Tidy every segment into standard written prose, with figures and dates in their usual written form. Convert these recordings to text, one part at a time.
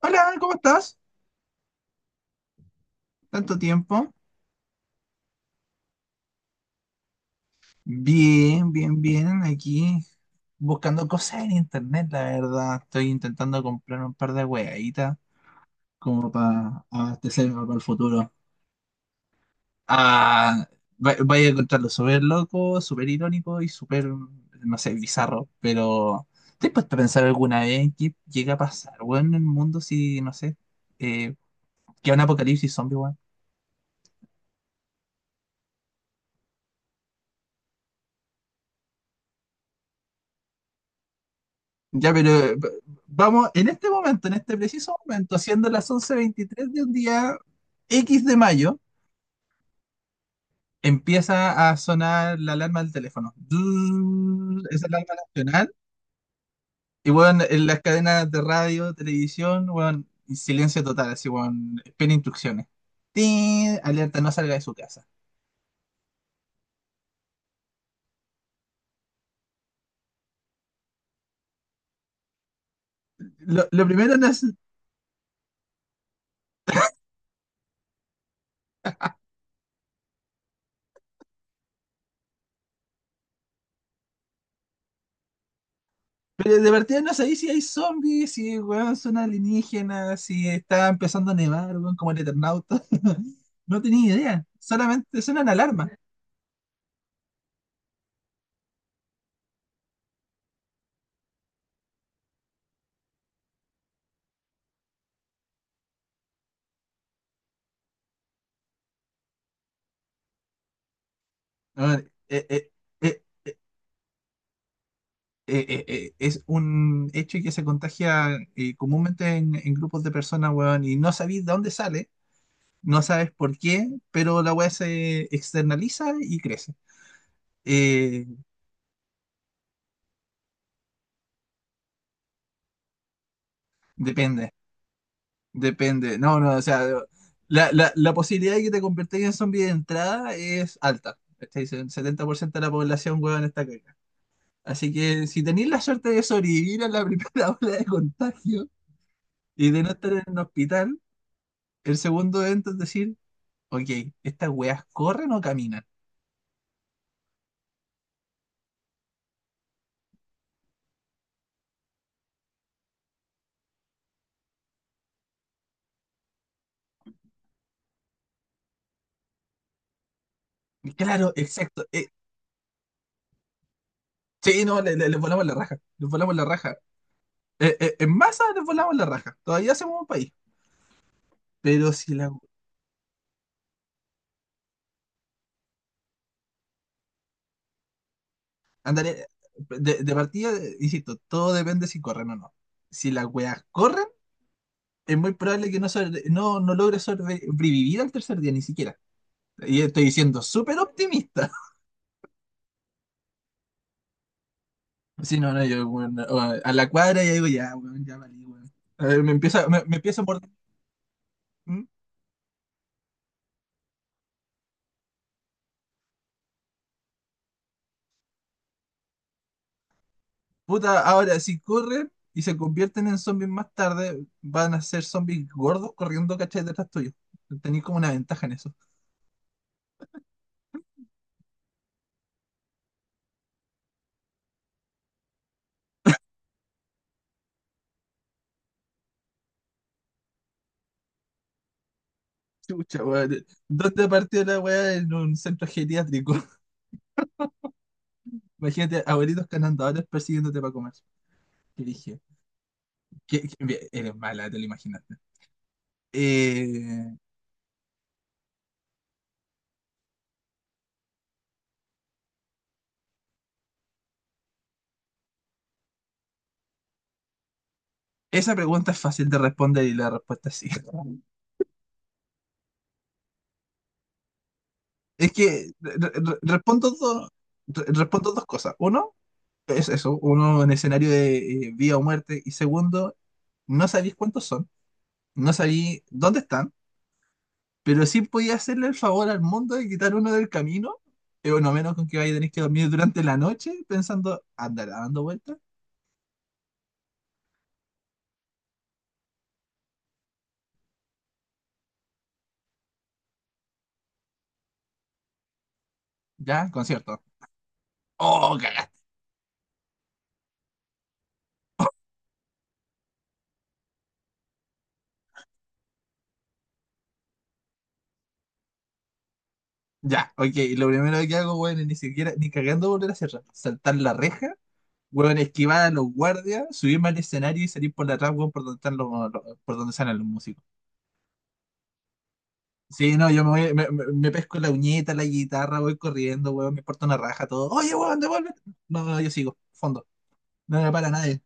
Hola, ¿cómo estás? ¿Tanto tiempo? Bien, bien, bien. Aquí buscando cosas en internet, la verdad. Estoy intentando comprar un par de hueaditas como para abastecerme para el futuro. Ah, vaya a encontrarlo súper loco, súper irónico y súper, no sé, bizarro. Pero ¿te has puesto a pensar alguna vez qué llega a pasar, weón, en el mundo si, no sé, eh, que un apocalipsis zombie. Ya, pero vamos en este momento, en este preciso momento, siendo las 11:23 de un día X de mayo, empieza a sonar la alarma del teléfono. Zzzz, es la alarma nacional. Y bueno, en las cadenas de radio, televisión, bueno, y silencio total, así, bueno, espera instrucciones. Tin, alerta, no salga de su casa. Lo primero no es. Pero de partida no sabéis si hay zombies, si weón, son alienígenas, si está empezando a nevar, weón, como el Eternauta. No tenía idea. Solamente suenan alarmas. A ver, eh, es un hecho que se contagia comúnmente en grupos de personas, weón, y no sabéis de dónde sale, no sabes por qué, pero la weá se externaliza y crece. Eh, depende. Depende. No, no, o sea, la posibilidad de que te convertáis en zombie de entrada es alta. ¿Cachai? El 70% de la población, huevón, está caca. Así que si tenéis la suerte de sobrevivir a la primera ola de contagio y de no estar en un hospital, el segundo evento es decir, ok, estas weas corren o caminan. Y claro, exacto. Sí, no, les volamos la raja. Les volamos la raja. En masa les volamos la raja. Todavía hacemos un país. Pero si la Ándale, de partida, insisto, todo depende si corren o no. Si las weas corren, es muy probable que no logre sobrevivir al tercer día, ni siquiera. Y estoy siendo súper optimista. Si no, no, yo, weón, o a la cuadra ya digo, ya, weón, ya valí, weón. A ver, me, me empieza a morder. ¿Mm? Puta, ahora si corren y se convierten en zombies más tarde, van a ser zombies gordos corriendo, ¿cachai? Detrás tuyo. Tenéis como una ventaja en eso. Chucha, weón. ¿Dónde partió la weá? En un centro geriátrico. Imagínate, abuelitos canandadores persiguiéndote para comer. Qué dije, bien, eres mala, te lo imaginaste. Eh, esa pregunta es fácil de responder y la respuesta es sí. Es que respondo, respondo dos cosas. Uno, es eso, uno en escenario de vida o muerte. Y segundo, no sabéis cuántos son, no sabéis dónde están, pero sí podía hacerle el favor al mundo de quitar uno del camino, bueno, menos con que vaya a tener que dormir durante la noche pensando, andará dando vueltas. Ya, concierto. Oh, cagaste. Ya, ok. Lo primero que hago, weón, es ni siquiera, ni cagando volver a cerrar. Saltar la reja, weón, esquivar a los guardias, subirme al escenario y salir por la atrás, weón, por donde por donde salen los músicos. Sí, no, yo me voy, me pesco la uñeta, la guitarra, voy corriendo, weón, me porto una raja, todo. Oye, weón, devuelve. No, no, yo sigo, fondo. No me para nadie.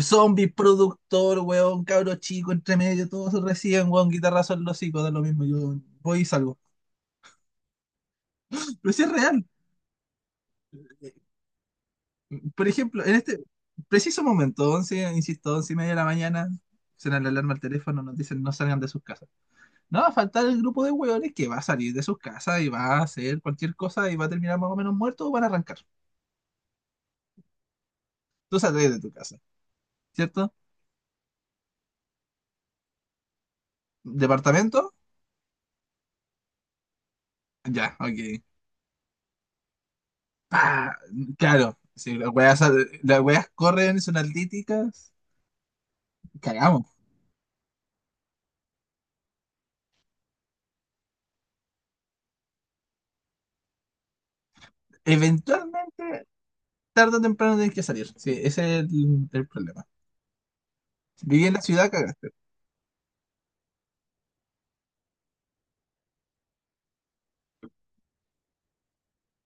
Zombies, productor, weón, cabro chico, entre medio, todos reciben, weón, guitarrazo en los hocico, da lo mismo. Yo voy y salgo. Pero sí es real. Por ejemplo, en este preciso momento, 11 insisto, 11:30 de la mañana, suena la alarma al teléfono, nos dicen no salgan de sus casas. No va a faltar el grupo de hueones que va a salir de sus casas y va a hacer cualquier cosa y va a terminar más o menos muerto o van a arrancar. Tú sales de tu casa, ¿cierto? ¿Departamento? Ya, ok. Pa, claro, si las weas corren, son altíticas, cagamos. Eventualmente, tarde o temprano tienes que salir. Sí, ese es el problema. Viví en la ciudad, cagaste.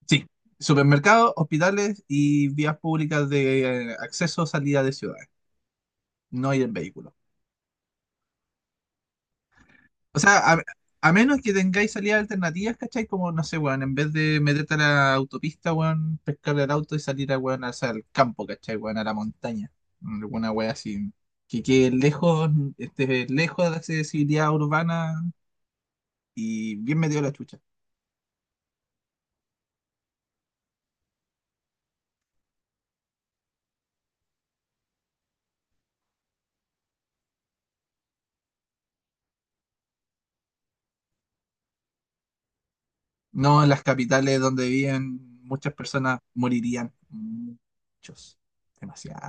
Sí, supermercados, hospitales y vías públicas de acceso o salida de ciudades, no ir en vehículo. O sea, a menos que tengáis salidas alternativas, ¿cachai? Como, no sé, weón, en vez de meterte a la autopista, weón, pescar el auto y salir a, weón, hacia el campo, ¿cachai? Weón, a la montaña. Alguna weón así. Que quede lejos, esté lejos de la accesibilidad urbana y bien metido a la chucha. No, en las capitales donde viven muchas personas morirían. Muchos. Demasiado.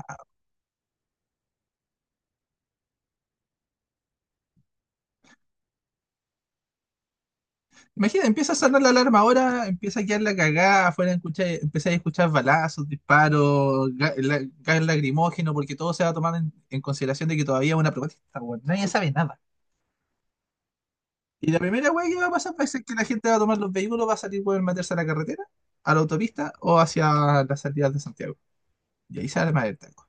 Imagina, empieza a sonar la alarma ahora, empieza a quedar la cagada, afuera empezáis a escuchar balazos, disparos, gas lacrimógeno, porque todo se va a tomar en consideración de que todavía es una protesta, weón. Nadie sabe nada. Y la primera weá que va a pasar va a ser que la gente va a tomar los vehículos, va a salir, weón, meterse a la carretera, a la autopista o hacia las salidas de Santiago. Y ahí se arma el tango.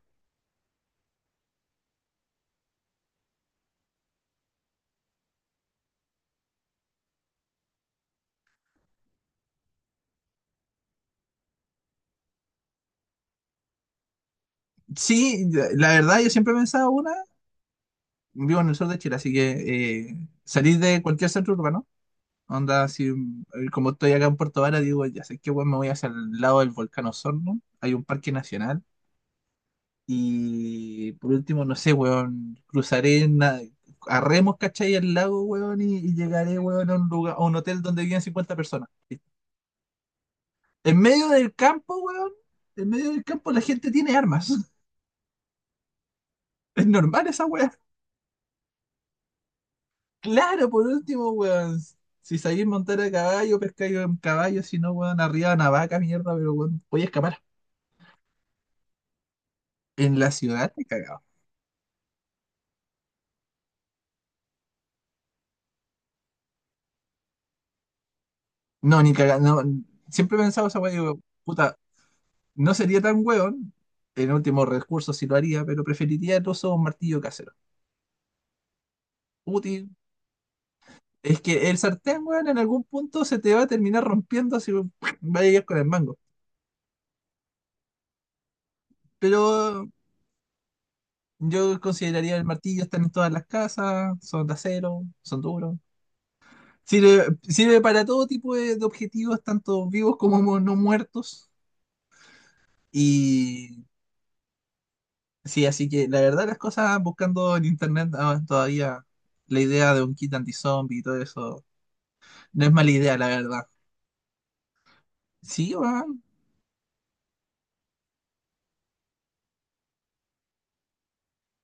Sí, la verdad, yo siempre he pensado una, vivo en el sur de Chile, así que salir de cualquier centro urbano. Onda, si como estoy acá en Puerto Vara, digo, ya sé que weón, me voy hacia el lado del volcán Osorno, hay un parque nacional, y por último, no sé, weón, a remos, ¿cachai? El lago, weón, y llegaré, weón, a un lugar, a un hotel donde viven 50 personas. En medio del campo, weón, en medio del campo la gente tiene armas. Es normal esa weá. Claro, por último, weón. Si sabéis montar a caballo, pescáis en caballo, si no, weón, arriba de una vaca, mierda, pero weón, voy a escapar. En la ciudad, te cagaba. No, ni caga, no, siempre he pensado esa weá, digo, puta, no sería tan weón, en último recurso sí lo haría, pero preferiría el uso de un martillo casero. Útil. Es que el sartén, weón, en algún punto se te va a terminar rompiendo si vayas con el mango. Pero yo consideraría el martillo, están en todas las casas, son de acero, son duros. Sirve, sirve para todo tipo de objetivos, tanto vivos como no muertos. Y sí, así que la verdad las cosas buscando en internet ah, todavía la idea de un kit anti-zombie y todo eso no es mala idea, la verdad. Sí, weón.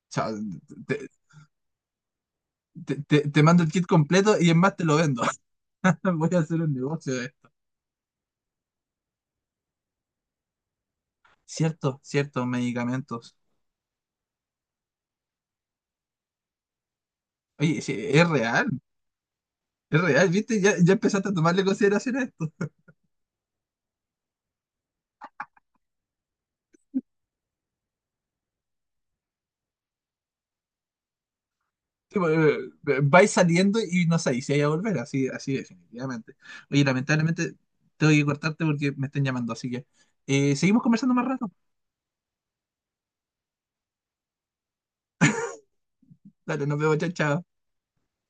O sea, te, te mando el kit completo y en más te lo vendo. Voy a hacer un negocio de esto. Cierto, cierto, medicamentos. Oye, sí, es real, ¿viste? Ya, ya empezaste a tomarle consideración a esto. Sí, pues, vais saliendo y no sabéis si vais a volver, así, así definitivamente. Oye, lamentablemente tengo que cortarte porque me están llamando, así que seguimos conversando más rato. Dale, nos vemos, chao, chao.